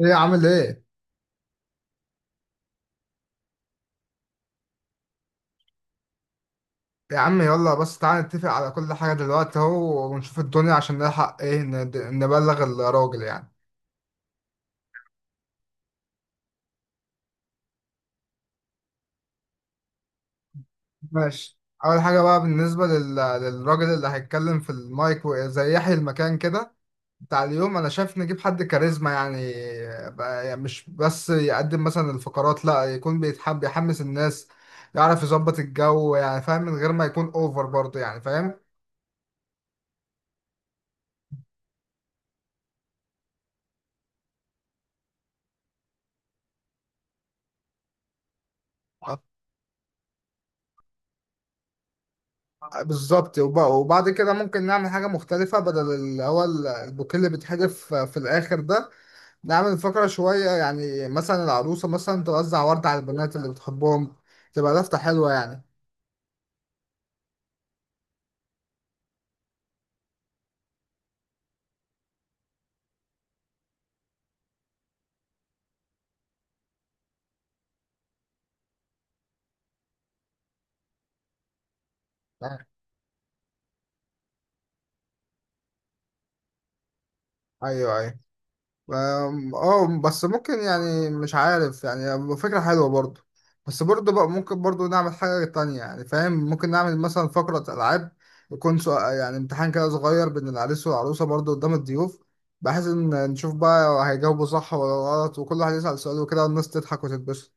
ايه عامل ايه؟ يا عم يلا بس تعالى نتفق على كل حاجة دلوقتي اهو، ونشوف الدنيا عشان نلحق ايه نبلغ الراجل يعني. ماشي. اول حاجة بقى بالنسبة للراجل اللي هيتكلم في المايك زي يحيي المكان كده بتاع اليوم، انا شايف نجيب حد كاريزما يعني. يعني مش بس يقدم مثلا الفقرات، لا، يكون بيتحب يحمس الناس، يعرف يظبط الجو يعني، فاهم؟ من غير ما يكون اوفر برضه، يعني فاهم. بالظبط. وبعد كده ممكن نعمل حاجة مختلفة بدل اللي هو البوكيه اللي بيتحدف في الآخر ده. نعمل فقرة شوية يعني، مثلا العروسة مثلا توزع ورد على البنات اللي بتحبهم، تبقى لفتة حلوة يعني. أيوه أيوه. أم، اه بس ممكن، يعني مش عارف، يعني فكرة حلوة برضو، بس برضو بقى ممكن برضو نعمل حاجة تانية، يعني فاهم؟ ممكن نعمل مثلا فقرة ألعاب، يكون سؤال يعني، امتحان كده صغير بين العريس والعروسة برضو قدام الضيوف، بحيث إن نشوف بقى هيجاوبوا صح ولا غلط، وكل واحد يسأل سؤال وكده، والناس تضحك وتتبسط.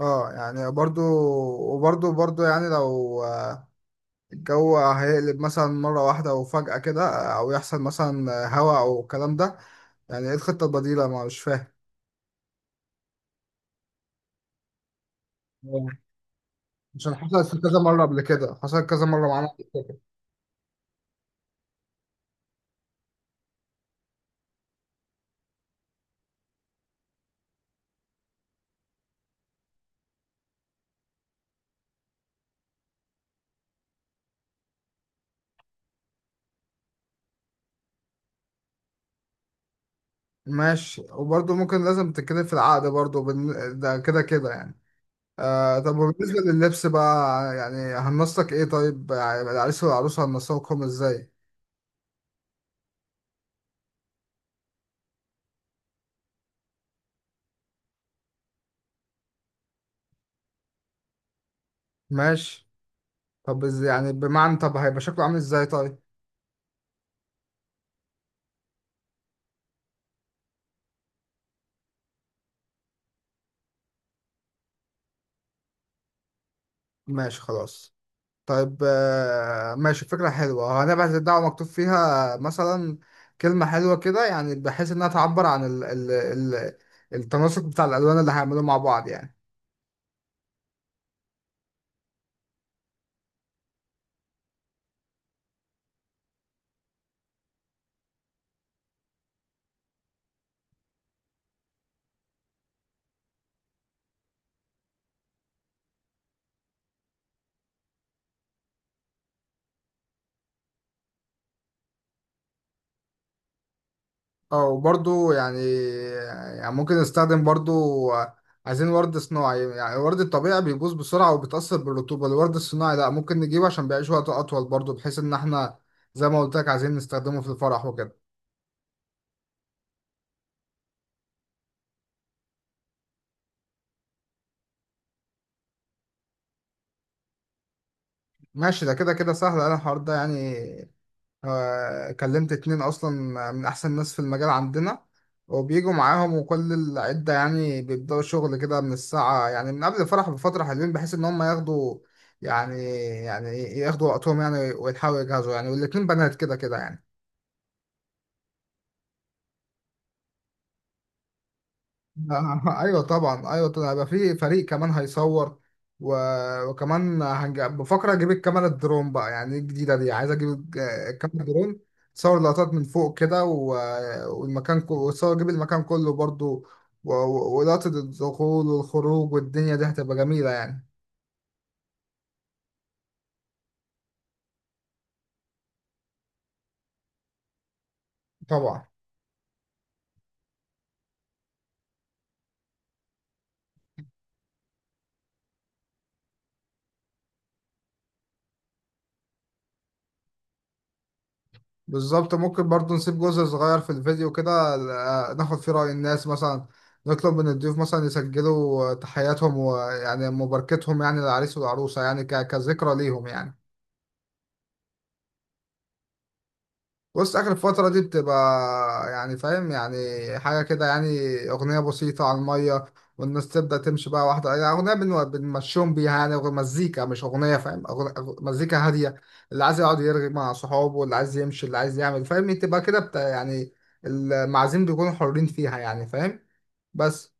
اه يعني برضو. وبرضو يعني لو الجو هيقلب مثلا مرة واحدة وفجأة كده، أو يحصل مثلا هوا أو الكلام ده، يعني إيه الخطة البديلة؟ ما مش فاهم. آه. عشان حصلت كذا مرة قبل كده، حصلت كذا مرة معانا قبل كده. ماشي، وبرضه ممكن لازم تتكلم في العقد برضه ده كده كده يعني. آه، طب وبالنسبة لللبس بقى، يعني هننسق ايه طيب؟ يعني العريس والعروسة هننسقهم ازاي؟ ماشي. طب يعني بمعنى، طب هيبقى شكله عامل ازاي طيب؟ ماشي خلاص. طيب آه، ماشي، فكرة حلوة. هنبعت الدعوة مكتوب فيها مثلا كلمة حلوة كده، يعني بحيث انها تعبر عن ال التناسق بتاع الألوان اللي هيعملوه مع بعض يعني. او برضو يعني، يعني ممكن نستخدم برضو، عايزين ورد صناعي. يعني الورد الطبيعي بيبوظ بسرعة وبيتأثر بالرطوبة، الورد الصناعي لا، ممكن نجيبه عشان بيعيش وقت أطول برضو، بحيث إن احنا زي ما قلت لك عايزين نستخدمه في الفرح وكده. ماشي، ده كده كده سهل أنا، الحوار ده يعني. كلمت اتنين اصلا من احسن ناس في المجال عندنا، وبيجوا معاهم وكل العدة يعني، بيبدأوا شغل كده من الساعة يعني، من قبل الفرح بفترة حلوين، بحيث ان هم ياخدوا يعني، يعني ياخدوا وقتهم يعني، ويلحقوا يجهزوا يعني، والاتنين بنات كده كده يعني. ايوه طبعا، ايوه طبعا، هيبقى في فريق كمان هيصور. و... بفكر اجيب الكاميرا الدرون بقى، يعني دي الجديده دي، عايز اجيب الكاميرا الدرون، تصور لقطات من فوق كده، و... والمكان كله، وتصور اجيب المكان كله برضو، ولقطه الدخول والخروج، والدنيا دي هتبقى جميله يعني. طبعا. بالظبط، ممكن برضو نسيب جزء صغير في الفيديو كده، ناخد فيه رأي الناس مثلا، نطلب من الضيوف مثلا يسجلوا تحياتهم، ويعني مباركتهم يعني للعريس والعروسة، يعني كذكرى ليهم يعني. بص، اخر الفترة دي بتبقى يعني فاهم، يعني حاجة كده يعني، اغنية بسيطة على المية، والناس تبدأ تمشي بقى واحدة، يعني اغنية بنمشيهم بيها يعني، مزيكا، مش اغنية فاهم، مزيكا هادية، اللي عايز يقعد يرغي مع صحابه، اللي عايز يمشي، اللي عايز يعمل فاهم، تبقى كده بتا يعني، المعازيم بيكونوا حرين فيها يعني فاهم. بس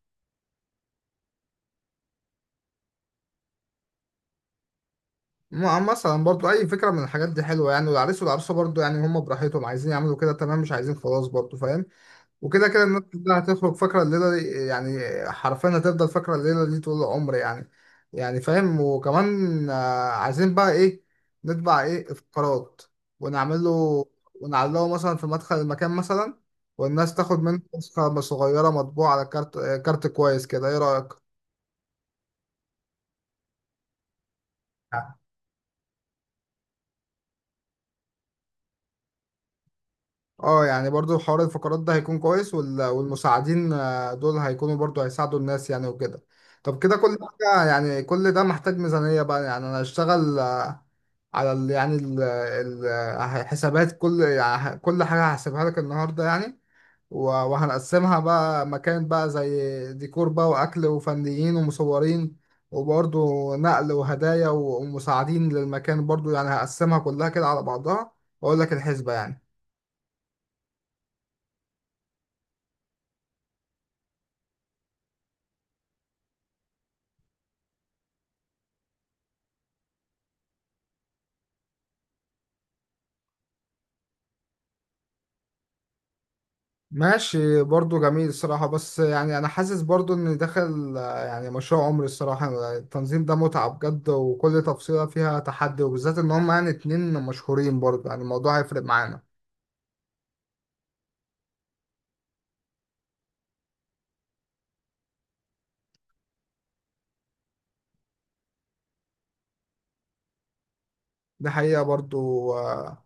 مثلا برضو اي فكرة من الحاجات دي حلوة يعني، والعريس والعروسة برضو يعني هم براحتهم، عايزين يعملوا كده تمام، مش عايزين خلاص برضو فاهم، وكده كده الناس كلها هتخرج فاكرة الليلة دي يعني، حرفيا هتفضل فاكرة الليلة دي طول العمر يعني، يعني فاهم. وكمان عايزين بقى ايه، نطبع ايه افتقارات ونعمله ونعلقه مثلا في مدخل المكان مثلا، والناس تاخد منه نسخة صغيرة مطبوعة على كارت، كارت كويس كده، ايه رأيك؟ اه يعني برضو حوار الفقرات ده هيكون كويس، والمساعدين دول هيكونوا برضو هيساعدوا الناس يعني وكده. طب كده كل حاجة يعني، كل ده محتاج ميزانية بقى يعني، انا هشتغل على ال، يعني ال حسابات، كل يعني كل حاجة هحسبها لك النهاردة يعني، وهنقسمها بقى، مكان بقى زي ديكور بقى، وأكل وفنيين ومصورين، وبرضو نقل وهدايا ومساعدين للمكان برضو، يعني هقسمها كلها كده على بعضها، وأقول لك الحسبة يعني. ماشي برضو، جميل الصراحة. بس يعني أنا حاسس برضو إن داخل يعني مشروع عمري الصراحة، التنظيم ده متعة بجد، وكل تفصيلة فيها تحدي، وبالذات إن هم يعني اتنين مشهورين برضو، يعني الموضوع هيفرق معانا. دي حقيقة برضو.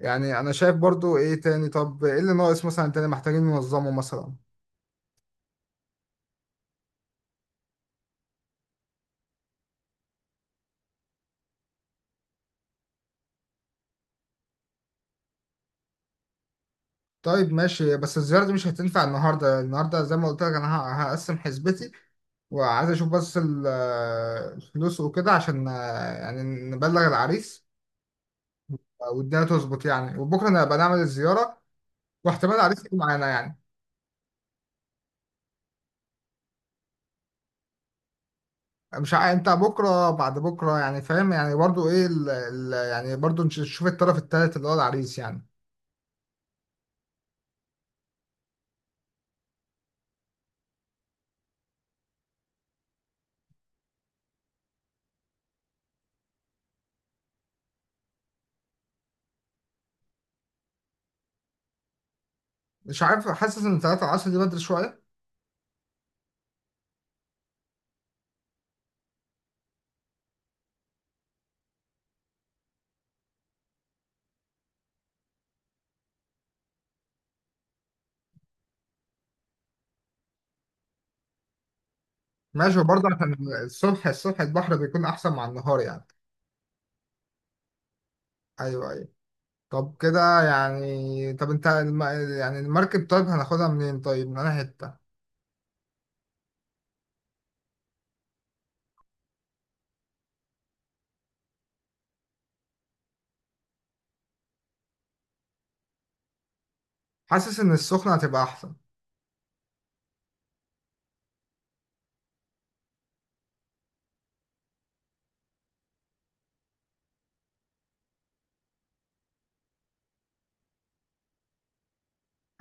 يعني أنا شايف برضو، إيه تاني؟ طب إيه اللي ناقص مثلا تاني محتاجين ننظمه مثلا؟ طيب ماشي، بس الزيارة دي مش هتنفع النهاردة، النهاردة زي ما قلت لك أنا هقسم حسبتي، وعايز أشوف بس الفلوس وكده عشان يعني نبلغ العريس والدنيا تظبط يعني، وبكره انا هبقى نعمل الزياره، واحتمال عريس يجي معانا يعني. مش ع... انت بكره بعد بكره يعني فاهم، يعني برضو ايه يعني برضو نشوف الطرف الثالث اللي هو العريس يعني. مش عارف، حاسس ان 3 العصر دي بدري شويه. ماشي، وبرضه عشان الصبح، الصبح البحر بيكون احسن مع النهار يعني. ايوه ايوه. طب كده يعني، طب انت يعني المركب طيب هناخدها منين طيب؟ من انا حته؟ حاسس ان السخنه هتبقى احسن.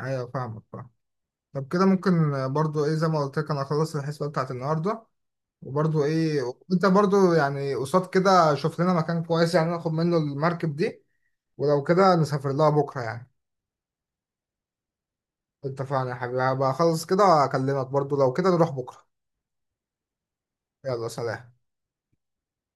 ايوه، فاهمك فاهم. طب كده ممكن برضو ايه، زي ما قلت لك انا اخلص الحسبه بتاعت النهارده، وبرضو ايه انت برضو يعني قصاد كده شوف لنا مكان كويس يعني ناخد منه المركب دي، ولو كده نسافر لها بكرة يعني. اتفقنا يا حبيبي، هبقى اخلص كده اكلمك برضو لو كده نروح بكرة. يلا، سلام.